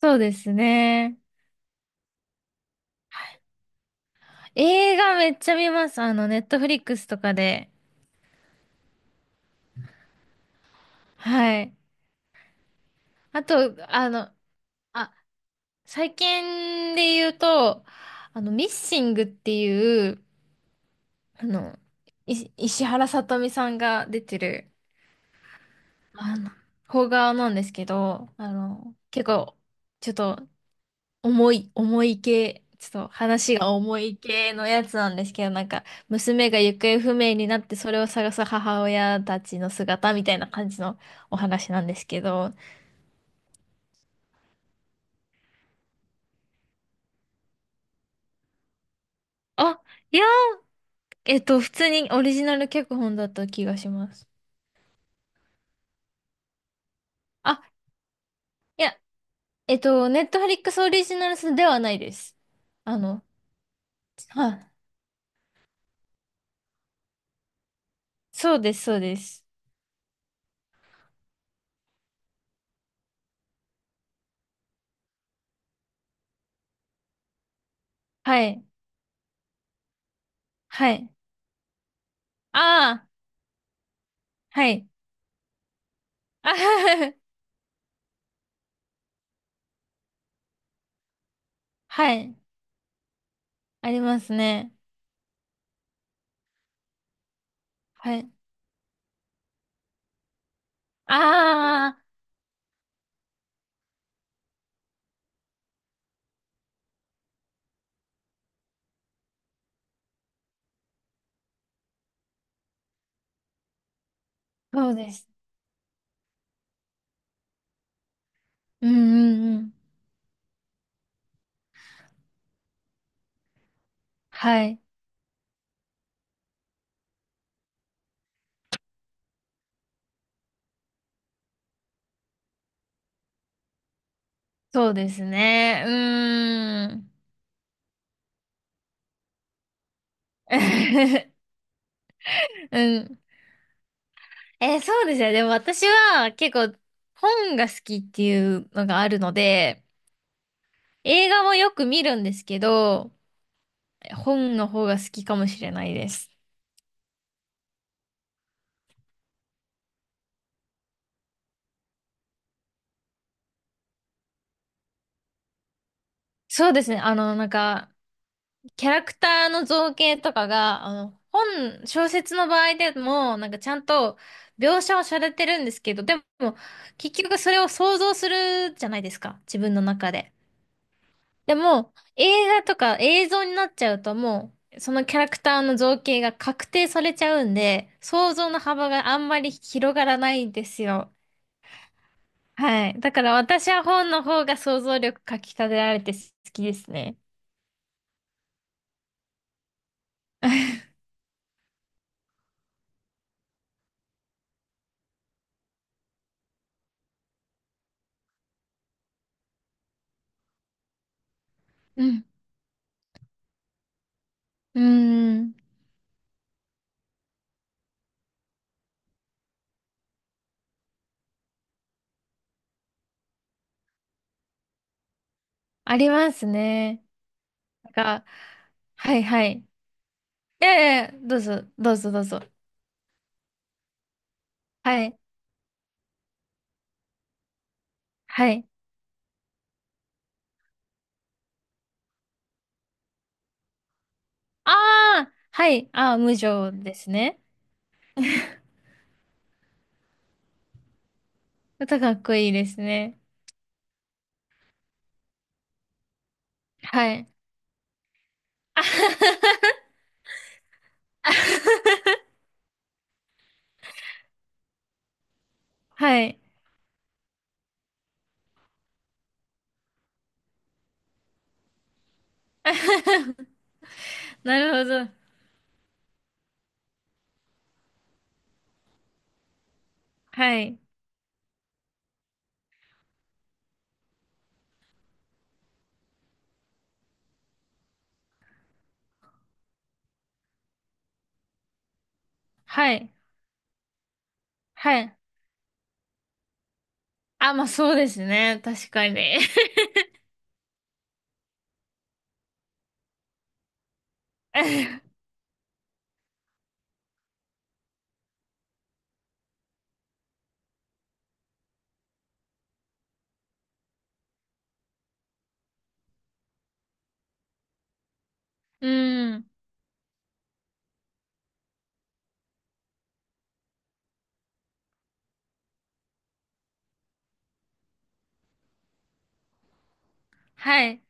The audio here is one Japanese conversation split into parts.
そうですね。映画めっちゃ見ます。ネットフリックスとかで。はい。あと、あ、最近で言うと、ミッシングっていう、あの、石原さとみさんが出てる、あの、邦画なんですけど、結構、ちょっと重い系、ちょっと話が重い系のやつなんですけど、娘が行方不明になってそれを探す母親たちの姿みたいな感じのお話なんですけど、あ、いや、普通にオリジナル脚本だった気がします。あ、いや、ネットフリックスオリジナルではないです。あの、は、そうです、そうです。はい、はい。ああ、はい。あははははい。ありますね。はい。あそうです。うんうんうん。はい。そうですね。うーん。うん。そうですね。でも私は結構本が好きっていうのがあるので、映画もよく見るんですけど、本の方が好きかもしれないです。そうですね。キャラクターの造形とかが、小説の場合でも、なんかちゃんと描写をされてるんですけど、でも、結局それを想像するじゃないですか、自分の中で。でも、映画とか映像になっちゃうともう、そのキャラクターの造形が確定されちゃうんで、想像の幅があんまり広がらないんですよ。はい。だから私は本の方が想像力かき立てられて好きですね。うん。うーん。ありますね。なんか、はいはい。ええ、どうぞ、どうぞどうぞ。はい、はい。ああ、はい。ああ、無情ですね。歌かっこいいですね。はい。あはははい。あははなるほど。はい。はい。はい。あ、まあそうですね。確かに。うん。はい。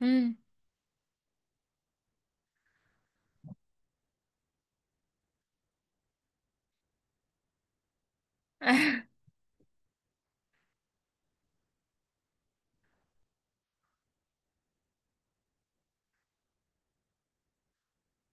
うん。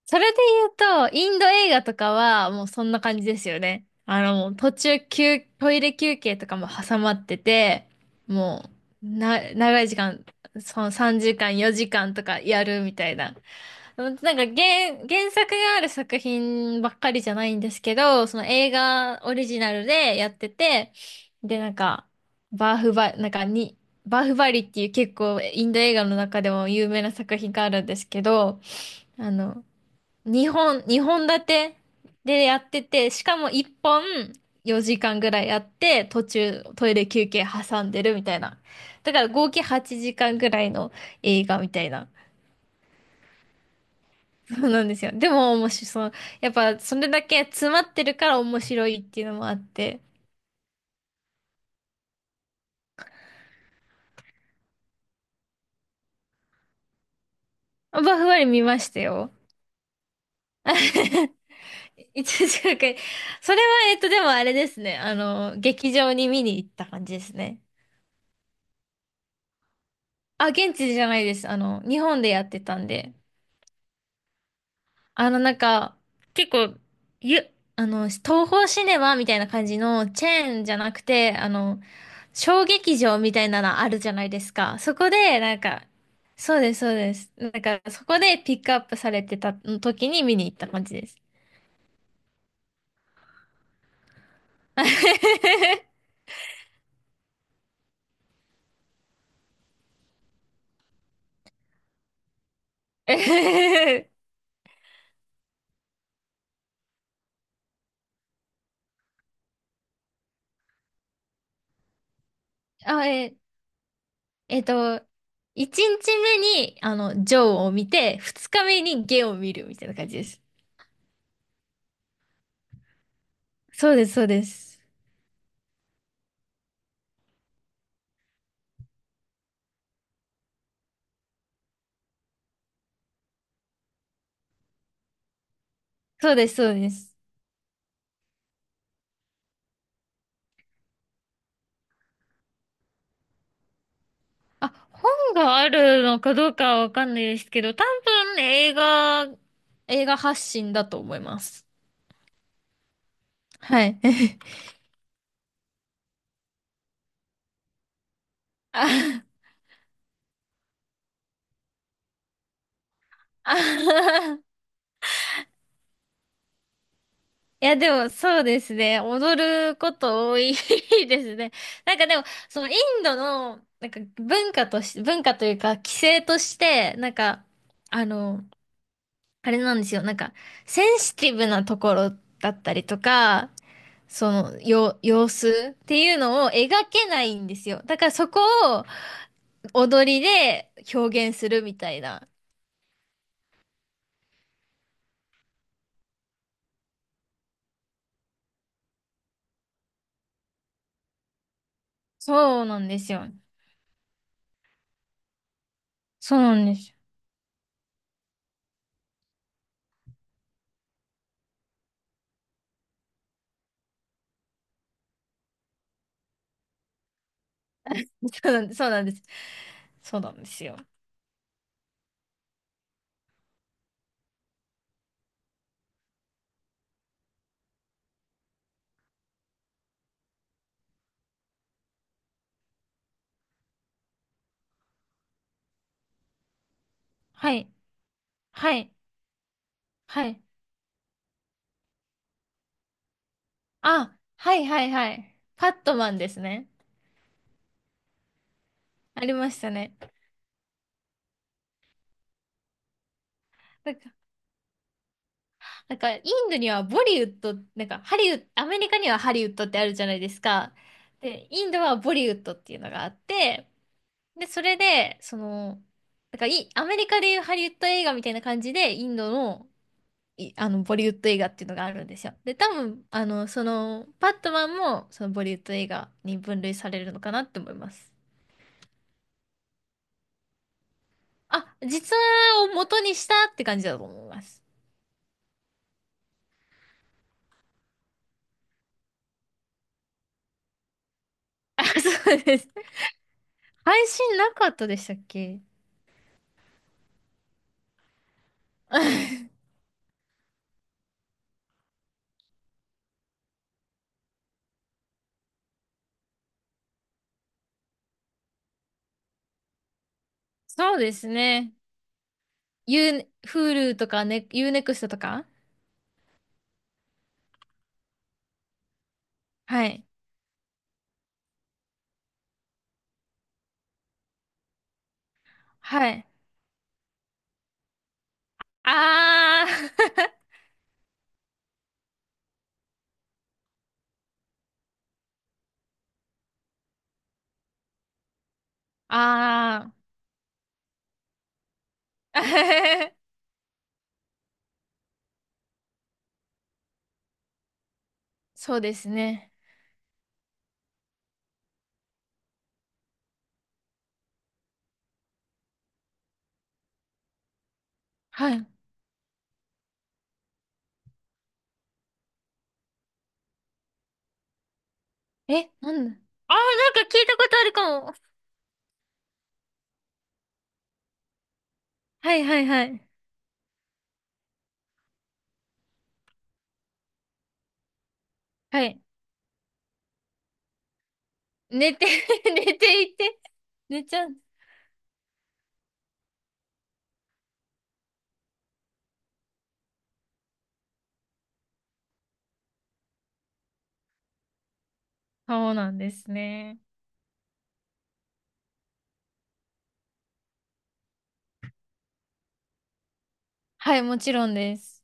それで言うと、インド映画とかはもうそんな感じですよね。もう途中休、トイレ休憩とかも挟まってて、もう、長い時間、その3時間、4時間とかやるみたいな。原作がある作品ばっかりじゃないんですけど、その映画オリジナルでやってて、で、バーフバ、なんかに、バーフバリっていう結構インド映画の中でも有名な作品があるんですけど、あの、日本立てでやってて、しかも1本4時間ぐらいやって、途中トイレ休憩挟んでるみたいな。だから合計8時間ぐらいの映画みたいな。そうなんですよ。でも面白いそう。やっぱそれだけ詰まってるから面白いっていうのもあって。まあバフバリ見ましたよ。一時間くらい。それは、でもあれですね。劇場に見に行った感じですね。あ、現地じゃないです。日本でやってたんで。あの、なんか、結構、ゆ、あの、東宝シネマみたいな感じのチェーンじゃなくて、小劇場みたいなのあるじゃないですか。そこで、そうです、そうです。そこでピックアップされてた時に見に行った感じです。えへへあ、えっと、1日目に、ジョーを見て、2日目にゲを見るみたいな感じです。そうです、そうです。そうです、そうです。あ、本があるのかどうかはわかんないですけど、多分映画発信だと思います。はい。あ、あ、いや、でもそうですね。踊ること多い ですね。なんかでも、そのインドの、文化というか、規制として、あの、あれなんですよ。センシティブなところだったりとか、その、様子っていうのを描けないんですよ。だからそこを踊りで表現するみたいな。そうなんですよ。そうなんです。そうなんです。そうなんです。そうなんですよ。はい。はい。はい。あ、はいはいはい。パットマンですね。ありましたね。インドにはボリウッド、ハリウッド、アメリカにはハリウッドってあるじゃないですか。で、インドはボリウッドっていうのがあって、で、それで、その、なんかい、アメリカでいうハリウッド映画みたいな感じで、インドの、いあの、ボリウッド映画っていうのがあるんですよ。で、多分、バットマンも、そのボリウッド映画に分類されるのかなって思います。あ、実話を元にしたって感じだと思います。あ、そうです。配信なかったでしたっけ？ そうですね。Hulu とか、ね、U-NEXT とか、はい。はい。あー あー そうですね。はい。え、なんだあー、なんか聞いたことあるかも。はいはいはい。はい。寝て 寝ていて。寝ちゃう。そうなんですね。はい、もちろんです。